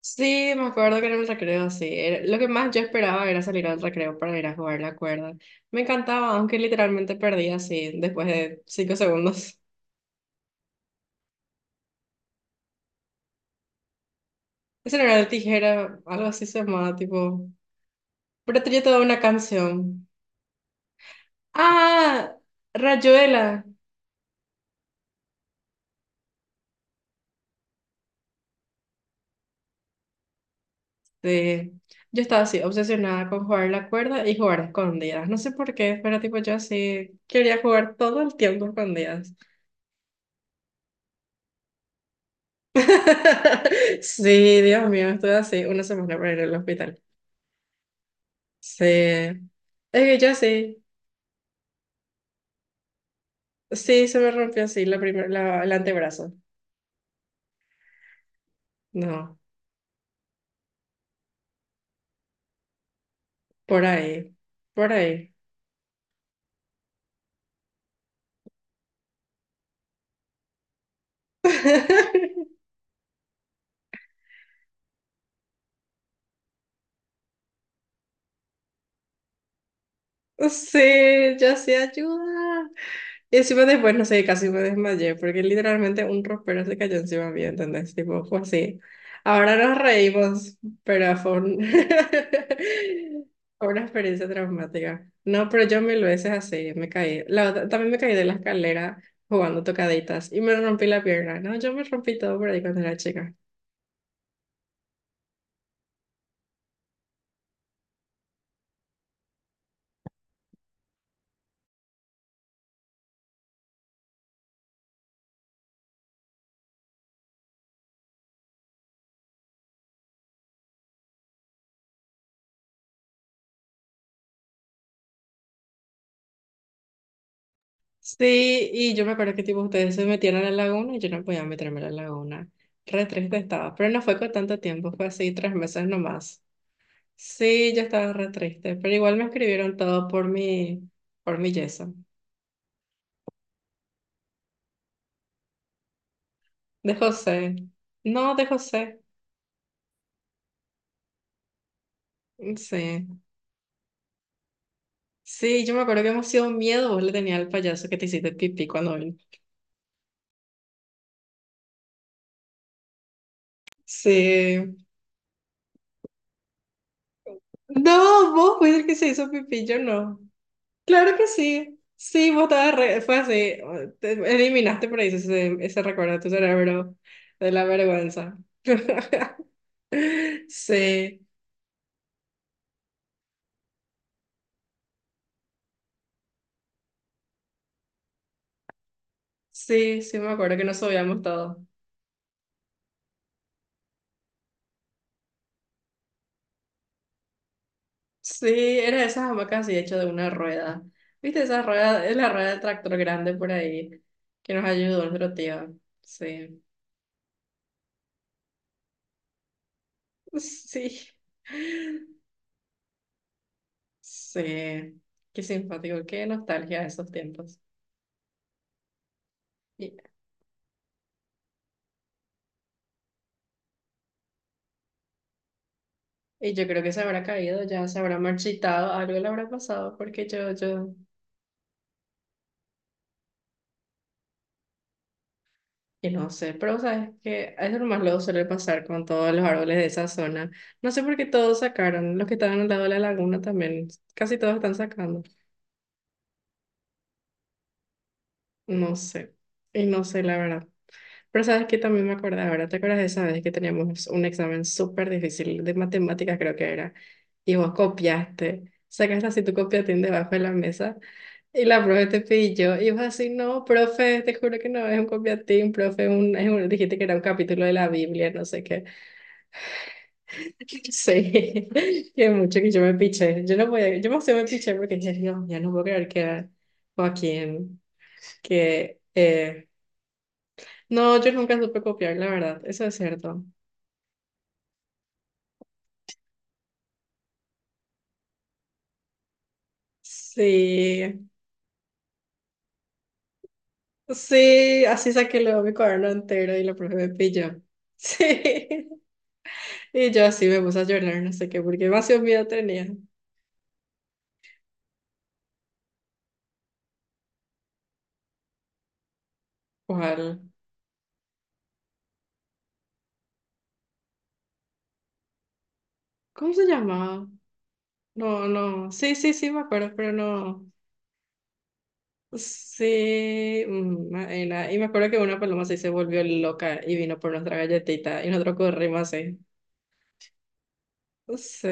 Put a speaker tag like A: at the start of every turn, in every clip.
A: Sí, me acuerdo que era el recreo, sí. Lo que más yo esperaba era salir al recreo para ir a jugar la cuerda. Me encantaba, aunque literalmente perdía así después de 5 segundos. Ese no era el tijera, algo así se llamaba, tipo. Pero tenía toda una canción. ¡Ah! Rayuela. Sí. Yo estaba así, obsesionada con jugar la cuerda y jugar a escondidas. No sé por qué, pero tipo yo así quería jugar todo el tiempo a escondidas. Sí, Dios mío, estuve así una semana para ir al hospital. Sí. Es que yo sí. Sí, se me rompió así el antebrazo. No, por ahí. Por ahí. Sí, yo sí ayuda. Y encima después, no sé, casi me desmayé, porque literalmente un ropero se cayó encima mío, ¿entendés? Tipo, fue así. Ahora nos reímos, pero fue, fue una experiencia traumática. No, pero yo mil veces así, me caí. También me caí de la escalera jugando tocaditas y me rompí la pierna, ¿no? Yo me rompí todo por ahí cuando era chica. Sí, y yo me acuerdo que tipo ustedes se metieron a la laguna y yo no podía meterme a la laguna. Re triste estaba, pero no fue con tanto tiempo, fue así 3 meses nomás. Sí, yo estaba re triste, pero igual me escribieron todo por mi yeso. De José. No, de José. Sí. Sí, yo me acuerdo que emoción miedo vos le tenías al payaso que te hiciste pipí cuando vino. Sí. No, vos fuiste el que se hizo pipí, yo no. Claro que sí. Sí, vos estabas re, fue así. Te eliminaste por ahí ese, ese recuerdo de tu cerebro de la vergüenza. Sí, sí, sí, me acuerdo que nos odiamos todos. Sí, era de esas hamacas así hecho de una rueda. ¿Viste esa rueda? Es la rueda del tractor grande por ahí que nos ayudó nuestro tío. Sí. Sí. Sí. Qué simpático, qué nostalgia de esos tiempos. Y, y yo creo que se habrá caído, ya se habrá marchitado, algo le habrá pasado, porque yo, y no sé, pero sabes que es lo más luego suele pasar con todos los árboles de esa zona. No sé por qué todos sacaron, los que estaban al lado de la laguna también, casi todos están sacando. No sé, y no sé la verdad. Pero sabes que también me acordé ahora, ¿te acuerdas de esa vez que teníamos un examen súper difícil de matemáticas, creo que era? Y vos copiaste, sacaste así tu copiatín debajo de la mesa y la profe te pilló y vos así, no, profe, te juro que no es un copiatín, profe, dijiste que era un capítulo de la Biblia, no sé qué. Sí, que mucho que yo me piché, yo no podía, yo más me piché porque dije, Dios, ya no puedo creer que Joaquín, que... eh, No, yo nunca supe copiar, la verdad, eso es cierto. Sí, sí, así saqué luego mi cuaderno entero y la profe me pilló. Sí, y yo así me puse a llorar, no sé qué, porque demasiado miedo tenía. ¿Cuál? ¿Cómo se llamaba? No, no, sí, sí, sí, me acuerdo, pero no. Sí, mm, Maena. Y me acuerdo que una paloma sí se volvió loca y vino por nuestra galletita y nosotros corrimos así. Sí,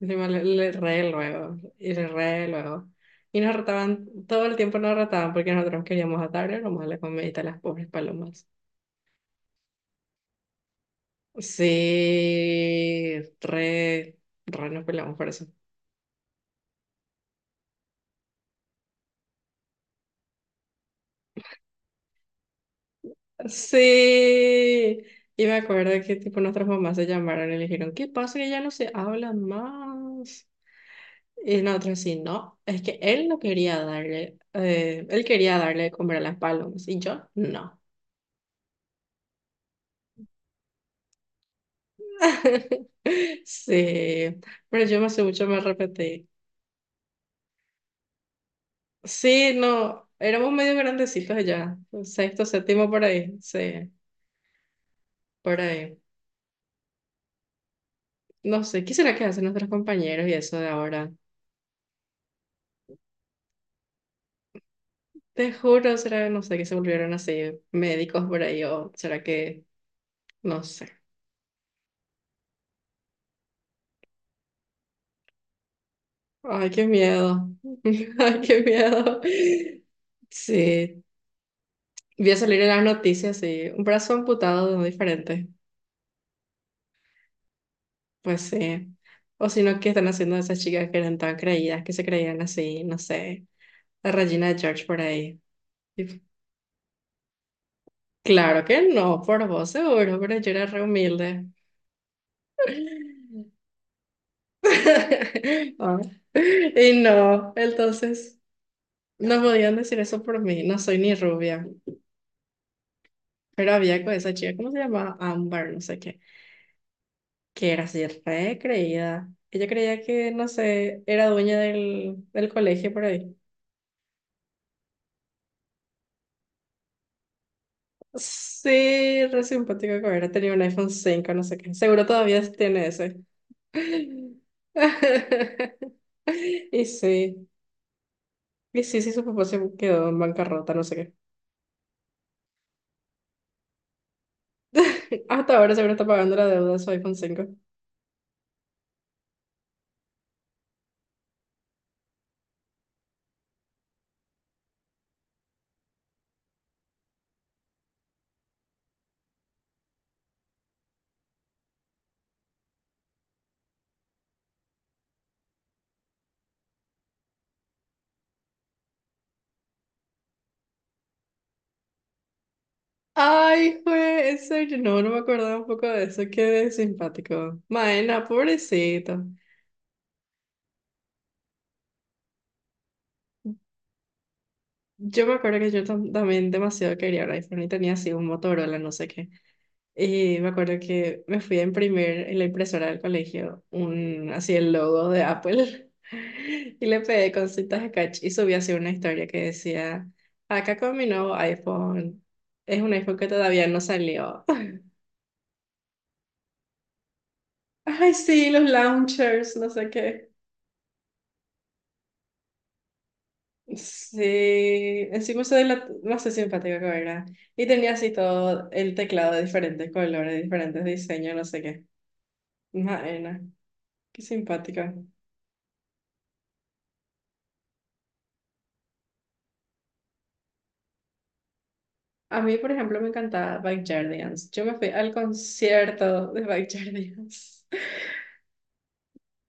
A: encima le re luego, y le re luego. Y nos retaban, todo el tiempo nos retaban porque nosotros queríamos atarle nomás la comidita a las pobres palomas. Sí, re, re nos peleamos por eso. Sí, y me acuerdo que tipo nuestras mamás se llamaron y le dijeron, ¿qué pasa que ya no se hablan más? Y nosotros sí, no, es que él no quería darle, él quería darle de comer a las palomas y yo no. Sí, pero yo me hace mucho me repetí. Sí, no, éramos medio grandecitos ya, sexto, séptimo por ahí, sí, por ahí. No sé, ¿qué será que hacen nuestros compañeros y eso de ahora? Te juro, será, no sé, que se volvieron así médicos por ahí o será que, no sé. Ay, qué miedo, ay, qué miedo. Sí, voy a salir en las noticias, sí, un brazo amputado de un diferente. Pues sí. O si no, ¿qué están haciendo esas chicas que eran tan creídas, que se creían así, no sé, la Regina de George por ahí? Y, claro que no, por vos seguro, pero yo era re humilde. Ah. Y no, entonces no podían decir eso por mí, no soy ni rubia. Pero había con esa chica, ¿cómo se llamaba? Amber, no sé qué, que era así re creída. Ella creía que, no sé, era dueña del, del colegio por ahí. Sí, re simpático que hubiera tenido un iPhone 5, no sé qué. Seguro todavía tiene ese. Y sí, y sí, sí, su papá se quedó en bancarrota, no sé qué. Hasta ahora seguro está pagando la deuda de su iPhone 5. Ay, fue, en serio, no, no me acordaba un poco de eso, qué simpático. Maena, pobrecito. Yo me acuerdo que yo tam- también demasiado quería un iPhone y tenía así un Motorola, no sé qué. Y me acuerdo que me fui a imprimir en la impresora del colegio un, así el logo de Apple y le pegué con cintas scotch y subí así una historia que decía, acá con mi nuevo iPhone, es un iPhone que todavía no salió. Ay, sí, los launchers, no sé qué. Sí, encima soy la más simpática que era. Y tenía así todo el teclado de diferentes colores, diferentes diseños, no sé qué. Maena, qué simpática. A mí, por ejemplo, me encantaba Backyardigans. Yo me fui al concierto de Backyardigans.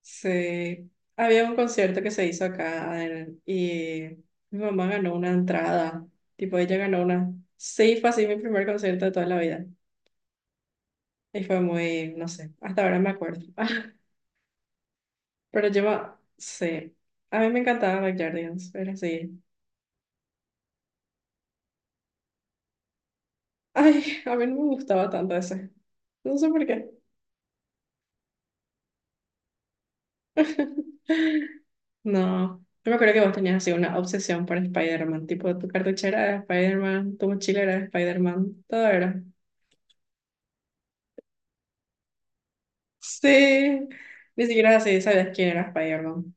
A: Sí, había un concierto que se hizo acá, y mi mamá ganó una entrada. Tipo, ella ganó una. Sí, fue así mi primer concierto de toda la vida. Y fue muy, no sé, hasta ahora me acuerdo. Pero sí, a mí me encantaba Backyardigans. Era así. Ay, a mí no me gustaba tanto ese. No sé por qué. No, yo me acuerdo que vos tenías así una obsesión por Spider-Man, tipo tu cartuchera era de Spider-Man, tu mochila era de Spider-Man, todo era. Sí, ni siquiera así sabías quién era Spider-Man.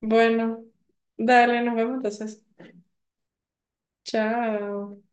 A: Bueno, dale, nos vemos entonces. Chao.